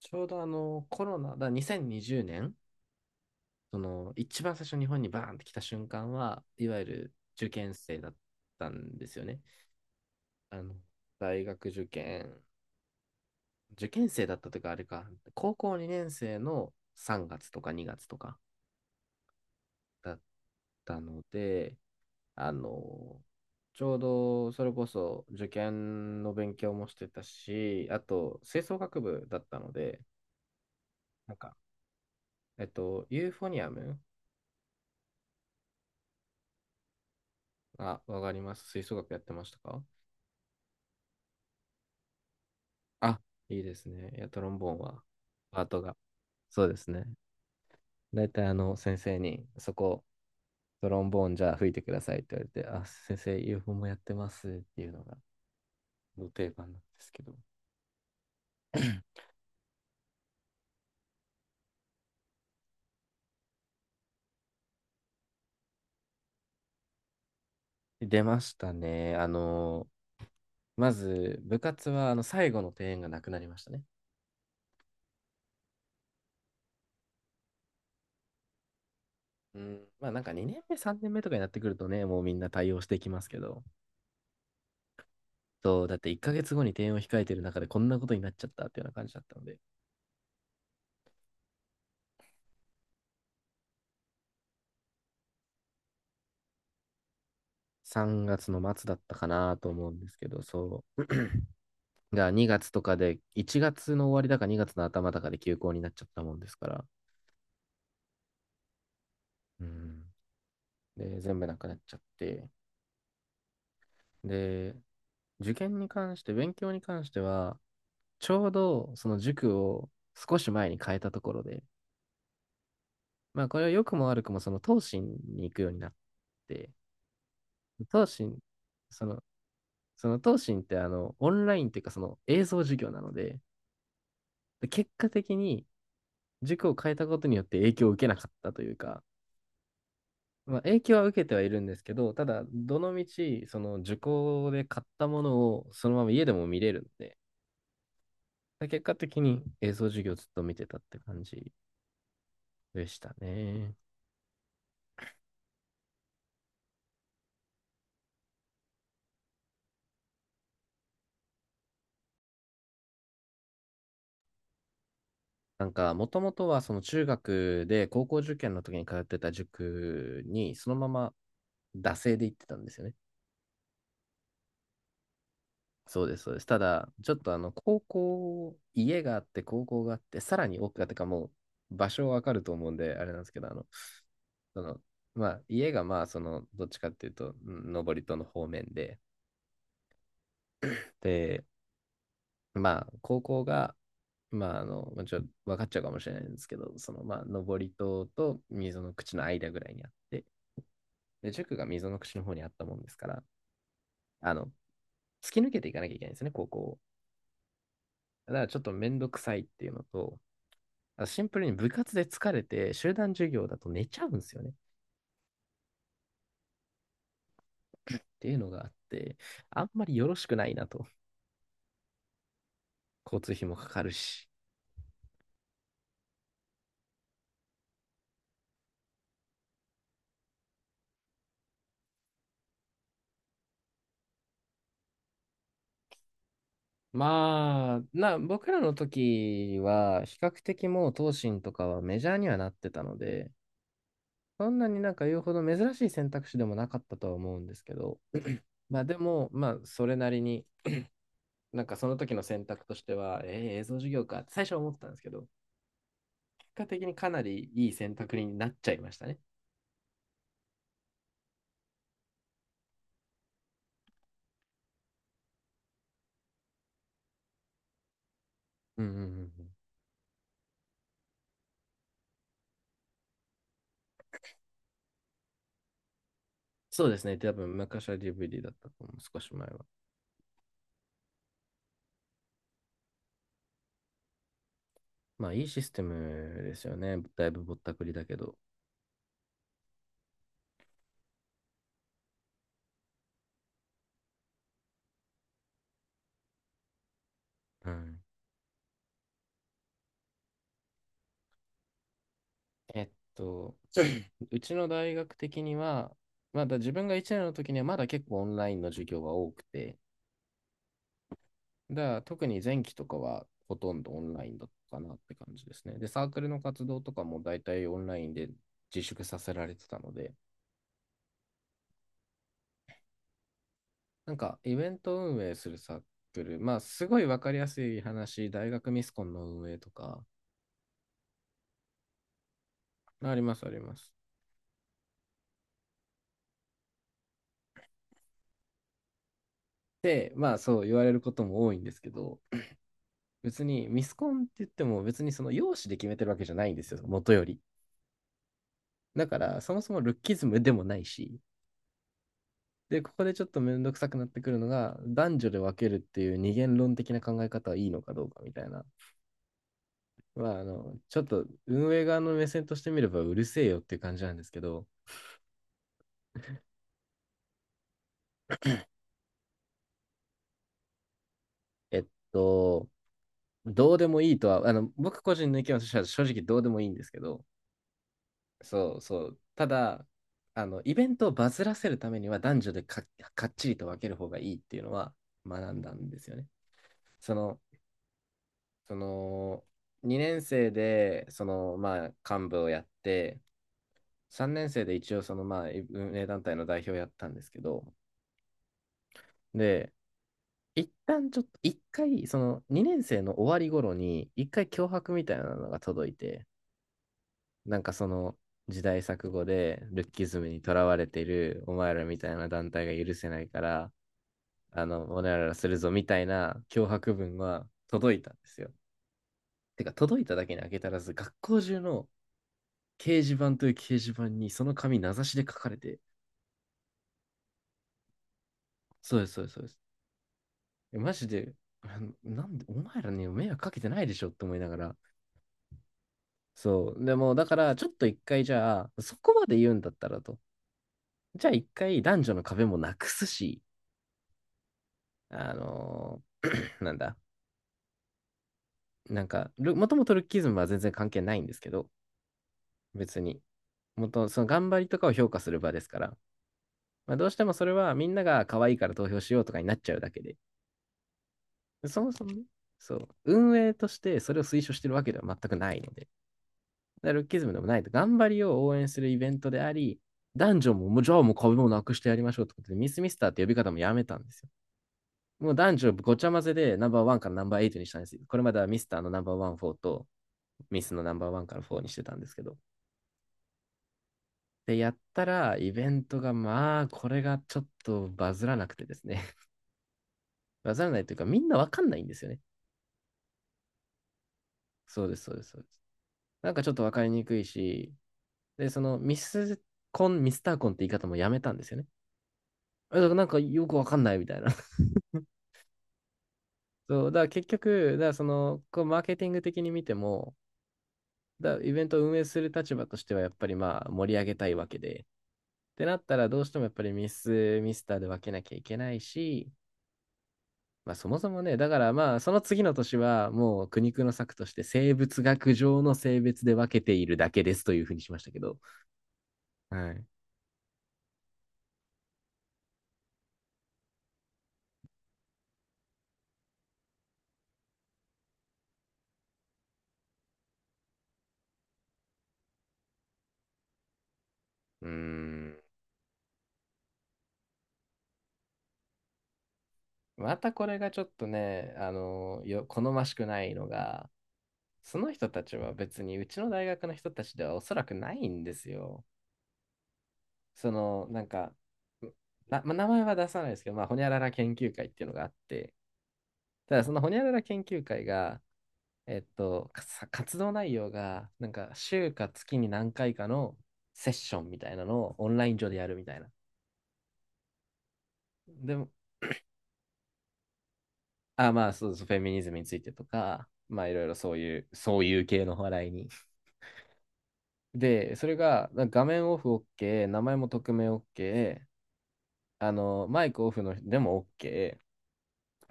ちょうどコロナ、2020年、その一番最初日本にバーンって来た瞬間は、いわゆる受験生だったんですよね。あの大学受験、受験生だったというか、あれか、高校2年生の3月とか2月とかだったので、あの、ちょうどそれこそ受験の勉強もしてたし、あと吹奏楽部だったので、なんか、ユーフォニアム。あ、わかります。吹奏楽やってましたか？あ、いいですね。いや、トロンボーンは、パートが。そうですね。だいたい先生に、そこ、トロンボーンじゃあ吹いてくださいって言われて、あ、先生、UFO もやってますっていうのが、の定番なんですけど。出ましたね。まず、部活は、最後の定演がなくなりましたね。うん、まあなんか2年目、3年目とかになってくるとね、もうみんな対応していきますけど、そう、だって1ヶ月後に定演を控えてる中でこんなことになっちゃったっていうような感じだったので、3月の末だったかなと思うんですけど、そう。が2月とかで、1月の終わりだか2月の頭だかで休校になっちゃったもんですから、うん。で、全部なくなっちゃって、で、受験に関して、勉強に関しては、ちょうどその塾を少し前に変えたところで、まあこれは良くも悪くもその東進に行くようになって、東進、その、その東進ってオンラインっていうかその映像授業なので、で結果的に塾を変えたことによって影響を受けなかったというか、まあ、影響は受けてはいるんですけど、ただ、どの道その受講で買ったものをそのまま家でも見れるんで、結果的に映像授業ずっと見てたって感じでしたね。もともとはその中学で高校受験の時に通ってた塾に、そのまま惰性で行ってたんですよね。そうです、そうです。ただ、ちょっとあの、高校、家があって、高校があって、さらに奥がってか、もう場所わかると思うんで、あれなんですけど、その、まあ、家がまあ、どっちかっていうと、上り登戸の方面で、で、まあ、高校が、まあ、ちょっと分かっちゃうかもしれないんですけど、まあ、登り戸と溝の口の間ぐらいにあって、で、塾が溝の口の方にあったもんですから、あの、突き抜けていかなきゃいけないんですよね、高校を。だからちょっとめんどくさいっていうのと、シンプルに部活で疲れて、集団授業だと寝ちゃうんですよね。っていうのがあって、あんまりよろしくないなと。交通費もかかるし。僕らの時は、比較的もう、東進とかはメジャーにはなってたので、そんなになんか言うほど珍しい選択肢でもなかったとは思うんですけど、まあでも、まあ、それなりに、なんかその時の選択としては、映像授業かって最初は思ってたんですけど、結果的にかなりいい選択になっちゃいましたね。うんうんうんうん。そうですね。多分、昔は DVD だったと思う、少し前は。まあ、いいシステムですよね。だいぶぼったくりだけど。うん。えっと、うちの大学的には、まだ自分が1年の時にはまだ結構オンラインの授業が多くて、だから特に前期とかはほとんどオンラインだったかなって感じですね。で、サークルの活動とかも大体オンラインで自粛させられてたので、イベント運営するサークル、まあすごいわかりやすい話、大学ミスコンの運営とか、ありますあります。で、まあそう言われることも多いんですけど、別にミスコンって言っても別にその容姿で決めてるわけじゃないんですよ、元より。だから、そもそもルッキズムでもないし、で、ここでちょっとめんどくさくなってくるのが、男女で分けるっていう二元論的な考え方はいいのかどうかみたいな。まあ、ちょっと運営側の目線としてみればうるせえよっていう感じなんですけど、えっと、どうでもいいとは、僕個人の意見としては正直どうでもいいんですけど、そうそう。ただ、イベントをバズらせるためには男女でか、かっちりと分ける方がいいっていうのは学んだんですよね。その、その2年生でそのまあ幹部をやって、3年生で一応そのまあ運営団体の代表をやったんですけど、で一旦ちょっと一回その2年生の終わり頃に一回脅迫みたいなのが届いて、なんかその時代錯誤でルッキズムにとらわれてるお前らみたいな団体が許せないから、あのおねららするぞみたいな脅迫文は届いたんですよ。てか届いただけに開けたらず学校中の掲示板という掲示板にその紙名指しで書かれて、そうです、そうです、そうです。マジで、あのなんで、お前らに迷惑かけてないでしょって思いながら。そう。でも、だから、ちょっと一回じゃあ、そこまで言うんだったらと。じゃあ一回男女の壁もなくすし、なんだ、なんか、もともとルッキズムは全然関係ないんですけど、別に。その頑張りとかを評価する場ですから。まあ、どうしてもそれはみんなが可愛いから投票しようとかになっちゃうだけで。そもそもね、そう、運営としてそれを推奨してるわけでは全くないので、だからルッキズムでもないと、頑張りを応援するイベントであり、男女も、もうじゃあもう壁もなくしてやりましょうってことで、ミスミスターって呼び方もやめたんですよ。もう男女ごちゃ混ぜでナンバーワンからナンバーエイトにしたんですよ。これまではミスターのナンバーワン、フォーと、ミスのナンバーワンからフォーにしてたんですけど。で、やったら、イベントが、まあ、これがちょっとバズらなくてですね。バズらないというか、みんなわかんないんですよね。そうです、そうです、そうです。なんかちょっとわかりにくいし、で、そのミスコン、ミスターコンって言い方もやめたんですよね。だからなんかよくわかんないみたいな。そう、だから結局、だからその、こうマーケティング的に見ても、イベントを運営する立場としてはやっぱり盛り上げたいわけで、ってなったらどうしてもやっぱりミスターで分けなきゃいけないし、まあそもそもね、だからまあその次の年はもう苦肉の策として生物学上の性別で分けているだけですというふうにしましたけど、はい。うーん。またこれがちょっとね、好ましくないのが、その人たちは別にうちの大学の人たちではおそらくないんですよ。その、なんか、な、まあ、名前は出さないですけど、まあ、ほにゃらら研究会っていうのがあって、ただそのほにゃらら研究会が、活動内容が、なんか、週か月に何回かのセッションみたいなのをオンライン上でやるみたいな。でも、あ、まあ、そうそう、フェミニズムについてとか、まあ、いろいろそういう系の話題に。で、それが画面オフ OK、名前も匿名 OK、あの、マイクオフの人でも OK、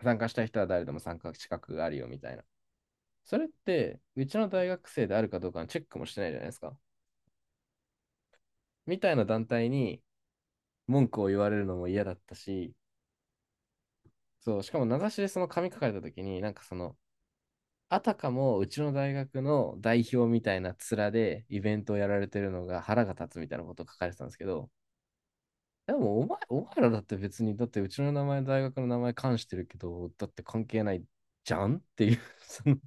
参加したい人は誰でも参加資格があるよみたいな。それって、うちの大学生であるかどうかのチェックもしてないじゃないですか。みたいな団体に文句を言われるのも嫌だったし、そう、しかも名指しでその紙書かれた時に、あたかもうちの大学の代表みたいな面でイベントをやられてるのが腹が立つみたいなことを書かれてたんですけど、でもお前、お前らだって別に、だってうちの名前、大学の名前冠してるけど、だって関係ないじゃんっていう その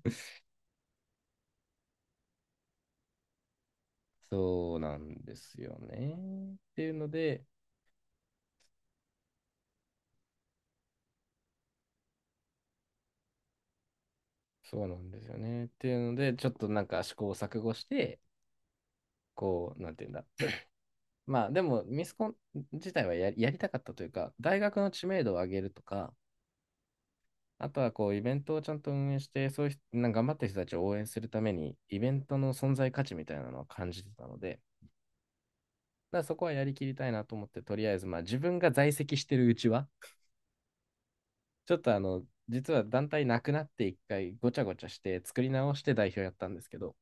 そうなんですよね。っていうので、そうなんですよね。っていうので、ちょっとなんか試行錯誤して、こう、なんていうんだ。まあでも、ミスコン自体はや、やりたかったというか、大学の知名度を上げるとか、あとはこうイベントをちゃんと運営して、そういう人なんか頑張ってる人たちを応援するために、イベントの存在価値みたいなのは感じてたので、そこはやりきりたいなと思って、とりあえず、まあ自分が在籍してるうちは、ちょっとあの、実は団体なくなって一回ごちゃごちゃして作り直して代表やったんですけど、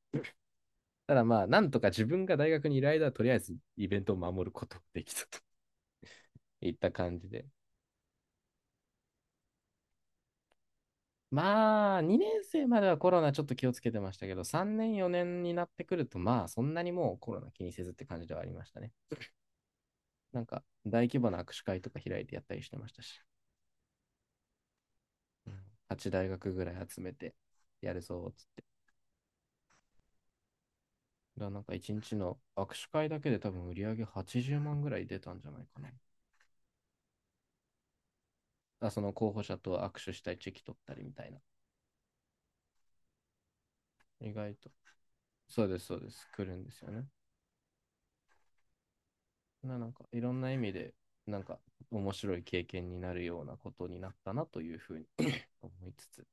ただまあ、なんとか自分が大学にいる間はとりあえずイベントを守ることができたといった感じで。まあ、2年生まではコロナちょっと気をつけてましたけど、3年、4年になってくると、まあ、そんなにもうコロナ気にせずって感じではありましたね。なんか、大規模な握手会とか開いてやったりしてましたし、8大学ぐらい集めてやるぞ、つって。だからなんか一日の握手会だけで多分売り上げ80万ぐらい出たんじゃないかな。その候補者と握手したいチェキ取ったりみたいな。意外と。そうです、そうです。来るんですよね。なんかいろんな意味で、なんか面白い経験になるようなことになったなというふうに 思いつつ、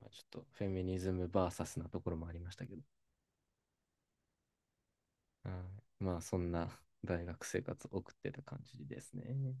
まあ、ちょっとフェミニズムバーサスなところもありましたけど、うんまあそんな大学生活を送ってた感じですね。